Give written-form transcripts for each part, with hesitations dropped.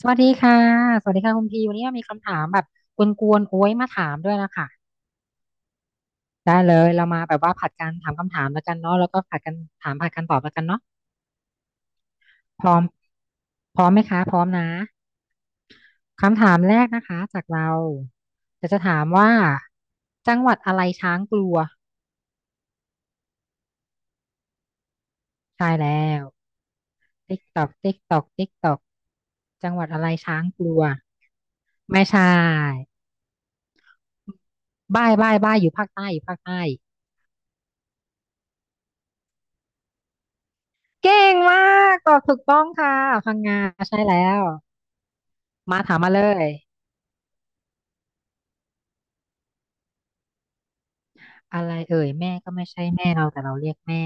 สวัสดีค่ะ สวัสดีค่ะคุณพีวันนี้มีคำถามแบบกวนๆโอ้ยมาถามด้วยนะคะ ได้เลยเรามาแบบว่าผัดกันถามคำถามแล้วกันเนาะแล้วก็ผัดกันถามผัดกันตอบแล้วกันเนาะพร้อม พร้อมไหมคะ พร้อมนะคำถามแรกนะคะจากเราจะถามว่าจังหวัดอะไรช้างกลัวใช่แล้วติ๊กตอกติ๊กตอกติ๊กตอกจังหวัดอะไรช้างกลัวไม่ใช่บ้ายบ้ายบ้ายอยู่ภาคใต้อยู่ภาคใต้ เก่งมากตอบถูกต้องค่ะพังงาใช่แล้วมาถามมาเลยอะไรเอ่ยแม่ก็ไม่ใช่แม่เราแต่เราเรียกแม่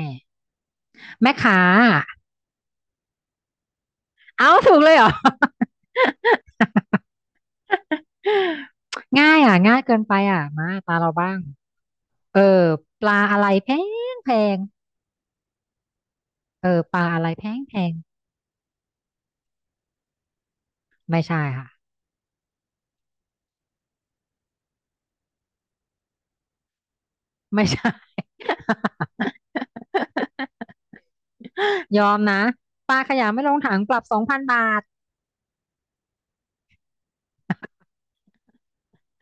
แม่ขาเอาถูกเลยเหรอ ง่ายอ่ะง่ายเกินไปอ่ะมาตาเราบ้างเออปลาอะไรแพงแพงเออปลาอะไรแพงแพงไม่ใช่ค่ะไม่ใช่ ยอมนะปลาขยะไม่ลงถังปรับ2,000 บาท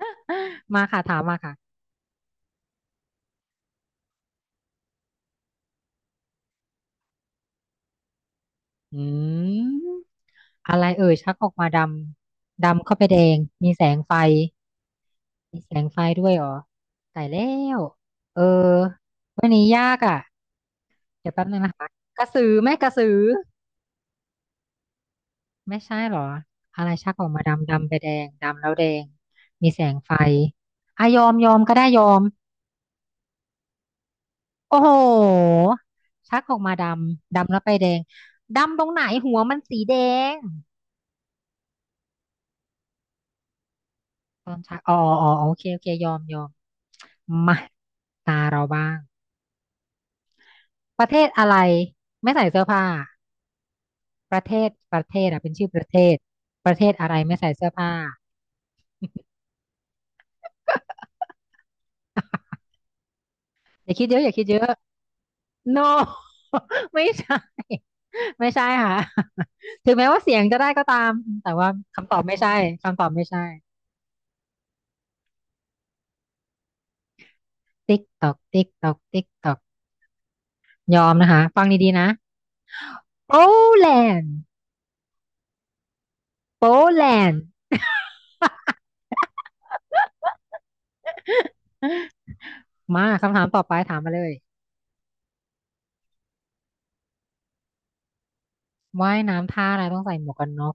มาค่ะถามมาค่ะ อืมอะไรเอ่ยชักออกมาดำดำเข้าไปแดงมีแสงไฟมีแสงไฟด้วยเหรอตายแล้วเออวันนี้ยากอ่ะเดี๋ยวแป๊บนึงนะคะกระสือไหม่กระสือไม่ใช่เหรออะไรชักออกมาดำดำไปแดงดำแล้วแดงมีแสงไฟอ่ะยอมยอมก็ได้ยอมโอ้โหชักออกมาดำดำแล้วไปแดงดำตรงไหนหัวมันสีแดงตอนชักอ๋ออ๋ออ๋อโอเคโอเคยอมยอม มาตาเราบ้างประเทศอะไรไม่ใส่เสื้อผ้าประเทศอ่ะเป็นชื่อประเทศประเทศอะไรไม่ใส่เสื้อผ้าอย่าคิดเยอะอย่าคิดเยอะ no ไม่ใช่ไม่ใช่ค่ะ ถึงแม้ว่าเสียงจะได้ก็ตามแต่ว่าคำตอบไม่ใช่คำตอบไม่ใช่ติ๊กตอกติ๊กตอกติ๊กตอกยอมนะคะฟังดีๆนะโปแลนด์โปแลนด์มาคำถามต่อไปถามมาเลยว่ายน้ำท่าอะไรต้องใส่หมวกกันน็อก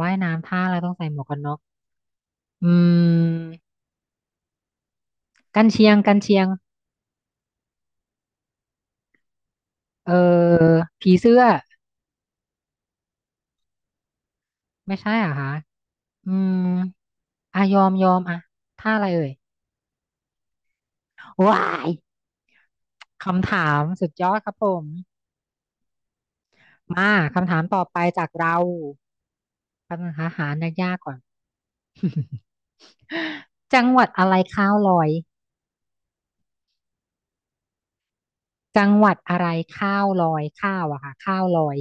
ว่ายน้ำท่าอะไรต้องใส่หมวกกันน็อก อืมกันเชียงกันเชียงเออผีเสื้อไม่ใช่เหรอ่ะคะอืมอ่ะยอมยอมอ่ะท่าอะไรเอ่ยว้ายคำถามสุดยอดครับผมมาคำถามต่อไปจากเราคำถามหายากๆก่อนจังหวัดอะไรข้าวลอยจังหวัดอะไรข้าวลอยข้าวอะค่ะข้าวลอย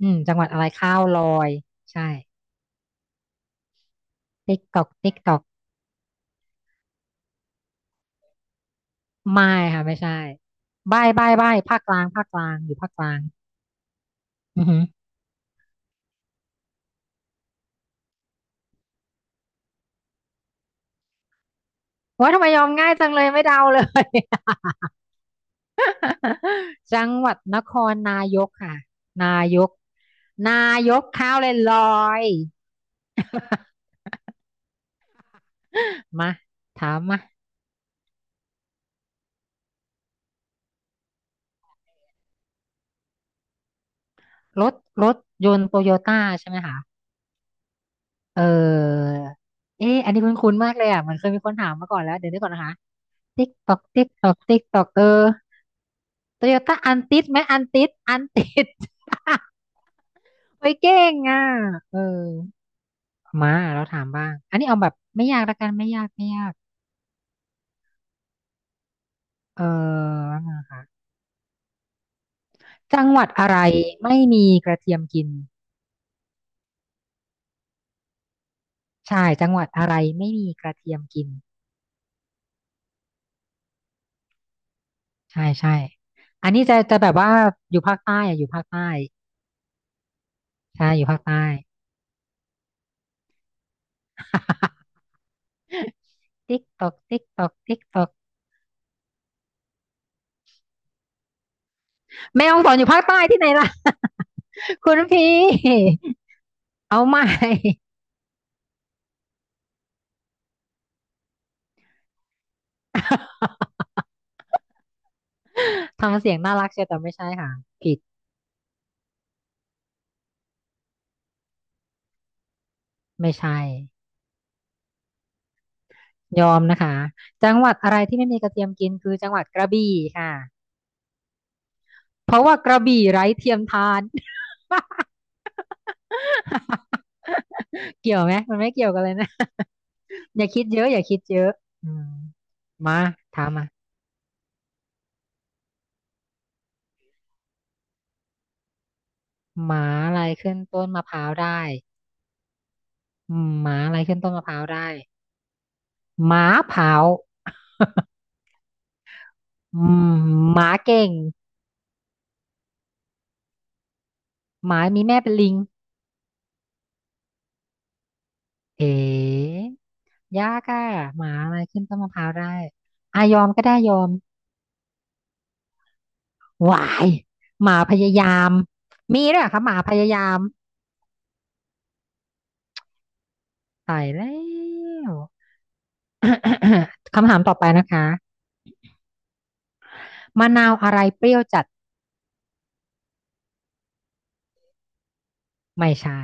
อืมจังหวัดอะไรข้าวลอยใช่ติ๊กตอกติ๊กตอกไม่ค่ะไม่ใช่ใบ้ใบ้ใบ้ภาคกลางภาคกลางอยู่ภาคกลางอือฮึ ว่าทำไมยอมง่ายจังเลยไม่เดาเลย จังหวัดนครนายกค่ะนายกนายกข้าวเลยลอยๆ มาถามมารถรถยนต์โตโยต้าใช่ไหมคะเออเอ๊ะอันนี้คุ้นๆมากเลยอ่ะเหมอนเคยมีคนถามมาก่อนแล้วเดี๋ยวนี้ก่อนนะคะติ๊กตอกติ๊กตอกติ๊กตอกเออโตโยต้าอันติดไหมอันติด อันติด ไปเก่งอ่ะเออ มาเราถามบ้างอันนี้เอาแบบไม่ยากละกันไม่ยากไม่ยากเออจังหวัดอะไรไม่มีกระเทียมกินใช่จังหวัดอะไรไม่มีกระเทียมกินใช่ใช่อันนี้จะแบบว่าอยู่ภาคใต้อะอยู่ภาคใต้ใช่อยู่ภาคใต้ ติ๊กตอกติ๊กตอกติ๊กตอกแม่ฮ่องสอนอยู่ภาคใต้ที่ไหนล่ะ คุณพี่ เอาใหม่ ทำเสียงน่ารักเชียวแต่ไม่ใช่ค่ะผิดไม่ใช่ ยอมนะคะจังหวัดอะไรที่ไม่มีกระเทียมกินคือจังหวัดกระบี่ค่ะเพราะว่ากระบี่ไร้เทียมทาน เกี่ยวไหมมันไม่เกี่ยวกันเลยนะ อย่าคิดเยอะอย่าคิดเยอะอืมมาถามมาหมาอะไรขึ้นต้นมะพร้าวได้อืมหมาอะไรขึ้นต้นมะพร้าวได้หมาเผา อืมหมาเก่งหมามีแม่เป็นลิงเอ๋ยากอะหมาอะไรขึ้นต้นมะพร้าวได้อายอมก็ได้ยอม หวายหมาพยายามมีด้วยเหรอคะหมาพยายามตายแล้ว คำถามต่อไปนะคะมะนาวอะไรเปรี้ยวจัดไม่ใช่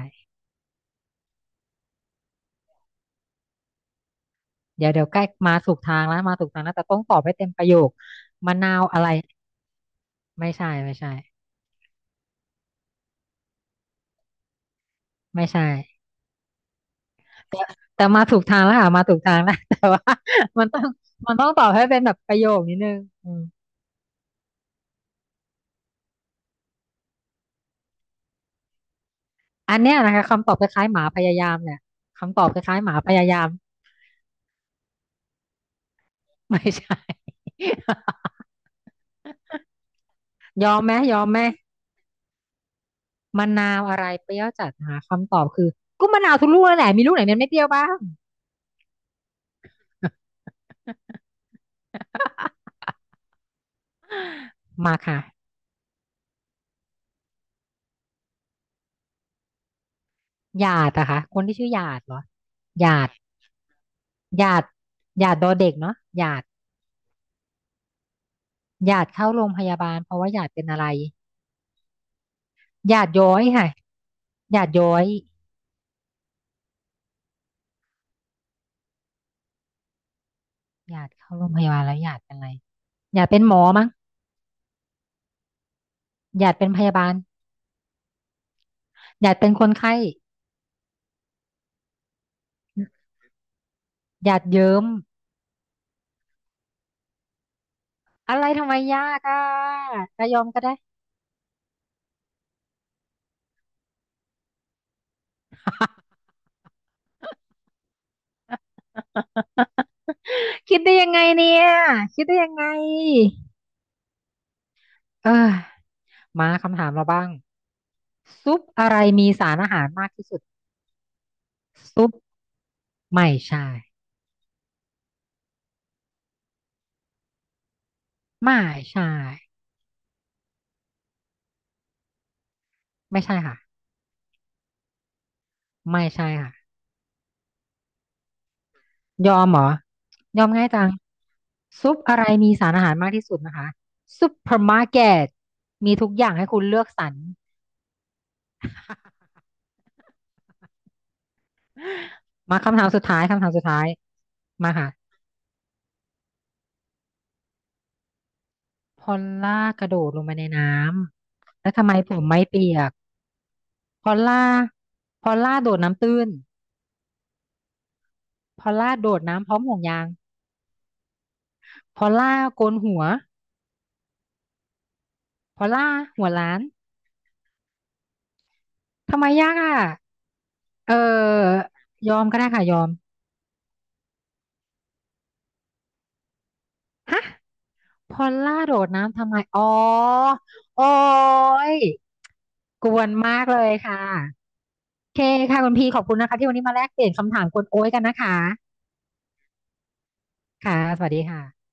เดี๋ยวเดี๋ยวใกล้มาถูกทางแล้วมาถูกทางแล้วแต่ต้องตอบให้เต็มประโยคมะนาวอะไรไม่ใช่ไม่ใช่ไม่ใช่แต่แต่มาถูกทางแล้วค่ะมาถูกทางแล้ว แต่ว่ามันต้องมันต้องตอบให้เป็นแบบประโยคนิดนึงอืมอันเนี้ยนะคะคำตอบคล้ายๆหมาพยายามเนี่ยคำตอบคล้ายๆหมาพยายามไม่ใช่ ยอมไหมยอมไหมมะนาวอะไรเปรี้ยวจัดหาคำตอบคือก็มะนาวทุกลูกนั่นแหละมีลูกไหนมันไม่เปรี้ยวบ้าง มาค่ะหยาดอะคะคนที่ชื่อหยาดเหรอหยาดหยาดหยาดดอเด็กเนาะหยาดหยาดเข้าโรงพยาบาลเพราะว่าหยาดเป็นอะไรหยาดย้อยค่ะหยาดย้อยหยาดเข้าโรงพยาบาลแล้วหยาดเป็นอะไรหยาดเป็นหมอมั้งหยาดเป็นพยาบาลหยาดเป็นคนไข้หยาดเยิ้มอะไรทำไมยากอะจะยอมก็ได้ คิดได้ยังไงเนี่ยคิดได้ยังไงเออมาคำถามเราบ้างซุปอะไรมีสารอาหารมากที่สุดซุปไม่ใช่ไม่ใช่ไม่ใช่ค่ะไม่ใช่ค่ะยอมเหรอยอมง่ายจังซุปอะไรมีสารอาหารมากที่สุดนะคะซุปเปอร์มาร์เก็ตมีทุกอย่างให้คุณเลือกสรร มาคำถามสุดท้ายคำถามสุดท้ายมาค่ะ พอลล่ากระโดดลงไปในน้ำแล้วทำไมผมไม่เปียกพอลล่าพอลล่าโดดน้ำตื้นพอลล่าโดดน้ำพร้อมห่วงยางพอลล่าโกนหัวพอลล่าหัวล้านทำไมยากอ่ะเออยอมก็ได้ค่ะยอมฮะพอลล่าโดดน้ำทำไมอ๋อโอ้ยกวนมากเลยค่ะโอเคค่ะคุณพีขอบคุณนะคะที่วันนี้มาแลกเปลี่ยนคำถามกวนโอ้ยกันนะคะค่ะสวัสดีค่ะ